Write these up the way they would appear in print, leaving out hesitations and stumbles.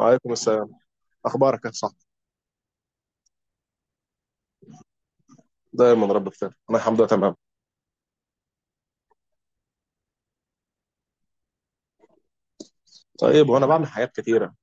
وعليكم السلام. اخبارك يا صاحبي؟ دايما رب بخير، انا الحمد لله تمام. طيب، وانا بعمل حاجات كتيره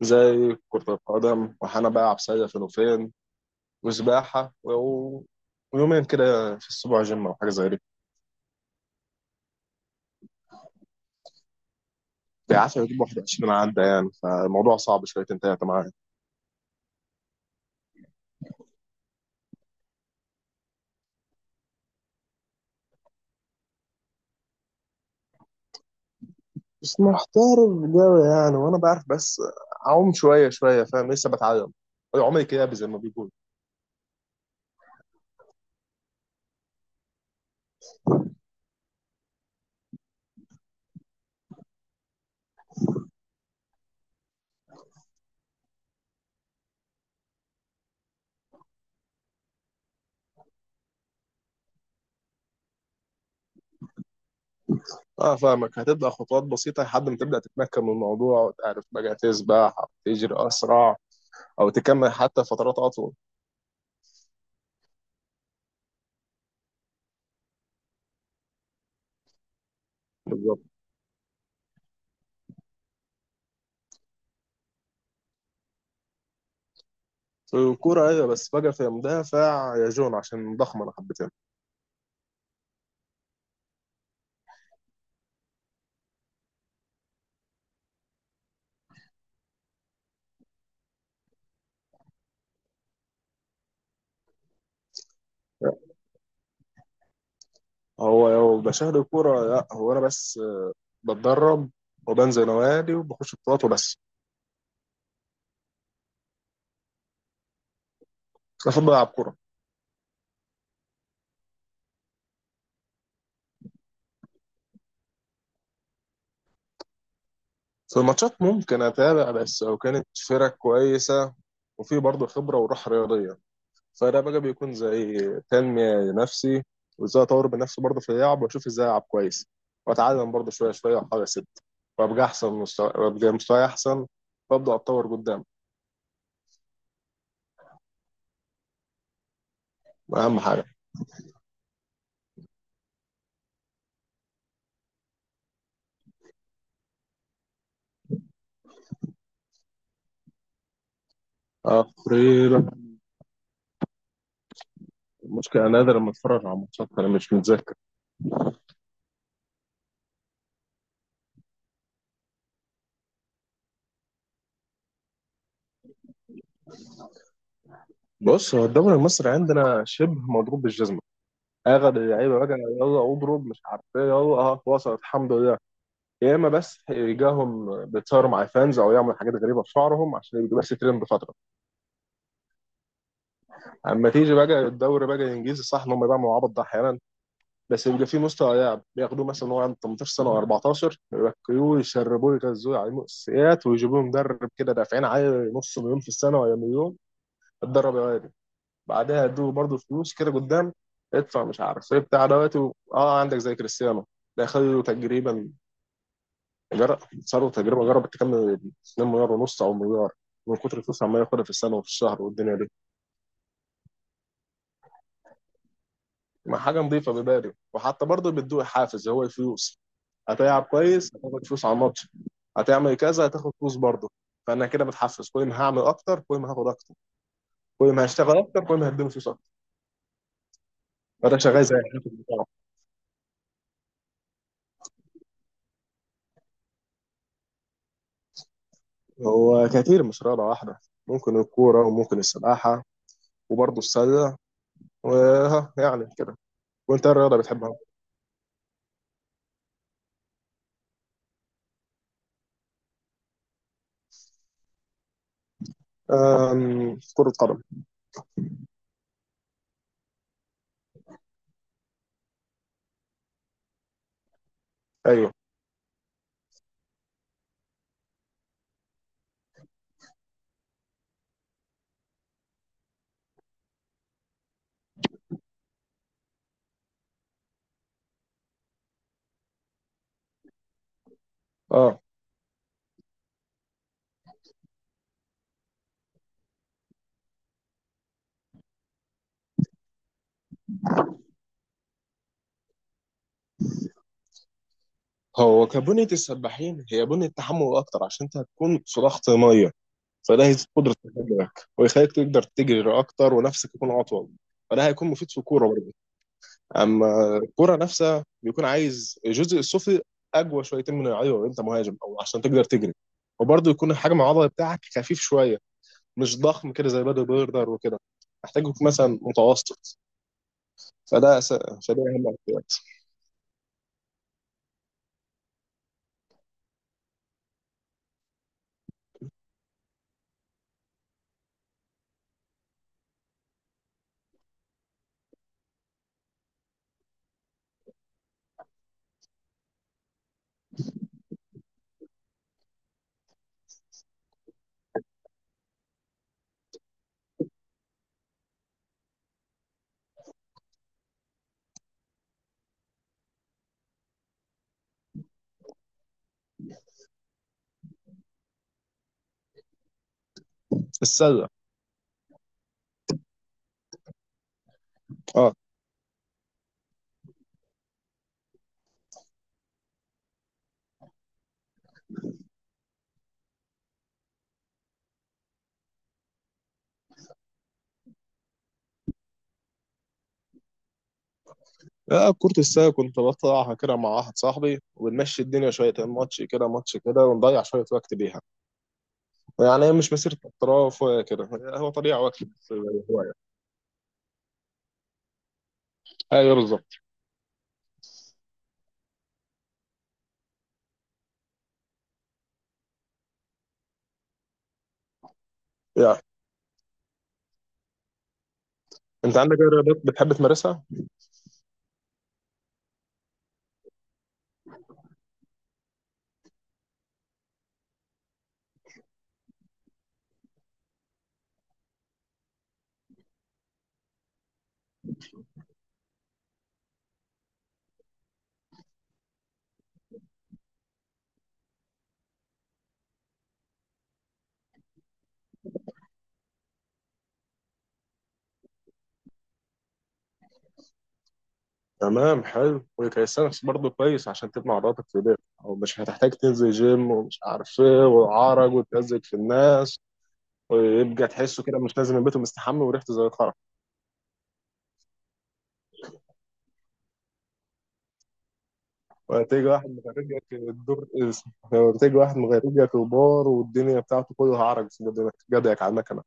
زي كره القدم، وحنا بقى عبثيه فين وفين، وسباحه ويومين كده في الاسبوع جيم او حاجه زي دي. بيعافى يجيب 21 عدى يعني، فالموضوع صعب شويتين تلاته معايا. بس محترف جوي يعني، وانا بعرف بس اعوم شويه شويه، فاهم؟ لسه بتعلم عمري كده زي ما بيقول. اه فاهمك، هتبدا خطوات بسيطه لحد ما تبدا تتمكن من الموضوع وتعرف بقى تسبح أو تجري اسرع، او تكمل حتى فترات اطول. بالظبط. في الكوره ايوه، بس فجاه في مدافع يا جون عشان ضخم انا حبيتها. هو لو بشاهد الكوره لا، هو انا بس بتدرب وبنزل نوادي وبخش بطولات وبس. المفروض بلعب كوره. في الماتشات ممكن اتابع بس لو كانت فرق كويسه، وفي برضه خبره وروح رياضيه، فده بقى بيكون زي تنميه لنفسي، وازاي اطور بنفسي برضه في اللعب، واشوف ازاي العب كويس، واتعلم برضه شويه شويه، واحاول اسد وابقى احسن مستوى، وابقى مستواي احسن وابدا اتطور قدام. اهم حاجه. تقريبا، المشكله انا نادر لما اتفرج على ماتشات، انا مش متذكر. بص، هو الدوري المصري عندنا شبه مضروب بالجزمه. اخد اللعيبه بقى يلا اضرب مش عارف ايه يلا. اه وصلت الحمد لله. يا اما بس يجاهم بيتصوروا مع فانز او يعملوا حاجات غريبه في شعرهم عشان يبقوا بس ترند فتره. اما تيجي بقى الدوري بقى الانجليزي، صح ان هم بيعملوا عبط ده احيانا، بس بيبقى في مستوى لاعب بياخدوه مثلا وهو عنده 18 سنه و14، يركبوه يشربوه يغذوه على مؤسسات ويجيبوه مدرب كده دافعين عليه نص مليون في السنه ولا مليون. اتدرب يا واد. بعدها يدوه برضه فلوس كده قدام. ادفع مش عارف ايه بتاع دوت اه، عندك زي كريستيانو، ده خدوا تقريبا جر... صاروا تقريبا جربت تكمل 2 مليار ونص او مليار، من كتر الفلوس عمال ياخدها في السنه وفي الشهر والدنيا دي. ما حاجه نظيفه ببالي، وحتى برضه بيدوه حافز هو الفلوس. هتلعب كويس هتاخد فلوس على الماتش. هتعمل كذا هتاخد فلوس برضه. فانا كده متحفز، كل ما هعمل اكتر كل ما هاخد اكتر، كل ما هشتغل اكتر كل ما هديله فلوس اكتر. فده شغال زي الحافز بتاعه. هو كتير مش رياضه واحده، ممكن الكوره وممكن السباحه وبرضه السله وها يعني كده. وانت إيه الرياضه بتحبها؟ كره قدم. ايوه. اه. هو كبنية السباحين هي بنية تحمل أكتر عشان أنت هتكون في ضغط مية، فده هيزيد قدرة تهاجمك ويخليك تقدر تجري أكتر ونفسك يكون أطول. فده هيكون مفيد في الكورة برضه. أما الكورة نفسها بيكون عايز الجزء السفلي أقوى شويتين، من أيوه أنت مهاجم أو عشان تقدر تجري. وبرضه يكون الحجم العضلي بتاعك خفيف شوية، مش ضخم كده زي بادي بيردر وكده، محتاج يكون مثلا متوسط. فده أهم احتياجات. السلة. اه. لا كرة السلة كنت بطلعها كده مع واحد صاحبي، وبنمشي الدنيا شوية ماتش كده ماتش كده، ونضيع شوية وقت بيها. يعني هي مش مسيرة احتراف ولا كده. هو طليع واكل بس. هواية. ايوه بالظبط. يعني انت عندك اي رياضات بتحب تمارسها؟ تمام، حلو. وكيسانس برضه كويس عشان تبني عضلاتك في ايديك، او مش هتحتاج تنزل جيم ومش عارف ايه وعرج وتمزج في الناس، ويبقى تحسه كده مش نازل من بيته مستحمى وريحته زي الخرا. وتيجي واحد مغرجك الدور، تيجي واحد مغرجك وبار والدنيا بتاعته كلها عرج في جدك على المكنه.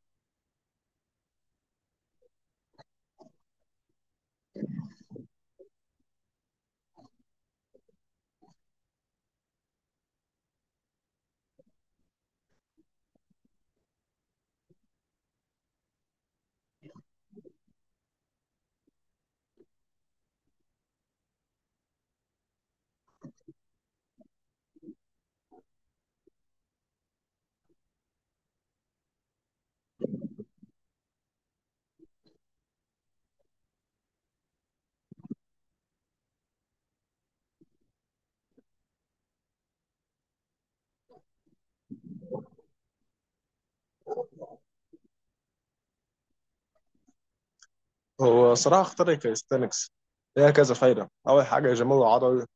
هو صراحه اختار الكاليستانكس. ليها كذا فايده، اول حاجه جمال العضل،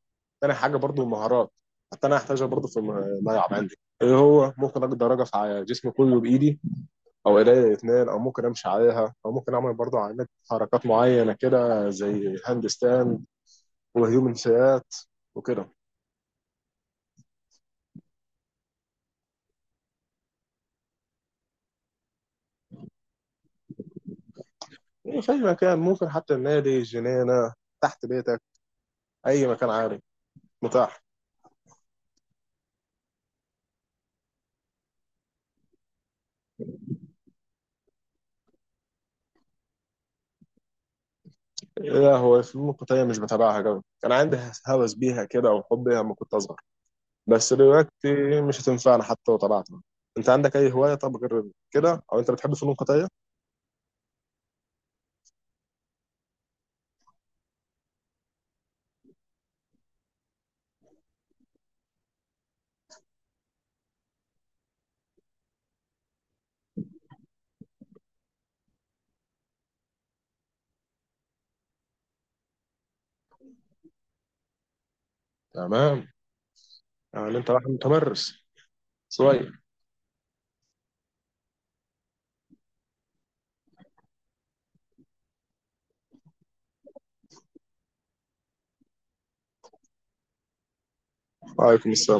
تاني حاجه برضو المهارات، حتى انا هحتاجها برضو في الملعب عندي، اللي هو ممكن اقدر اوقف على جسمي كله بايدي او ايديا الاثنين، او ممكن امشي عليها، او ممكن اعمل برضو علامات حركات معينه كده زي هاند ستاند وهيومن سيات وكده. يعني في اي مكان ممكن، حتى النادي الجنينه تحت بيتك، اي مكان عالي متاح. لا هو الفنون القتاليه مش بتابعها قوي، كان عندي هوس بيها كده وحب بيها لما كنت اصغر، بس دلوقتي مش هتنفعنا حتى لو طلعنا. انت عندك اي هوايه طب غير كده؟ او انت بتحب فنون قتاليه؟ تمام. يعني انت واحد متمرس شويه. وعليكم السلام.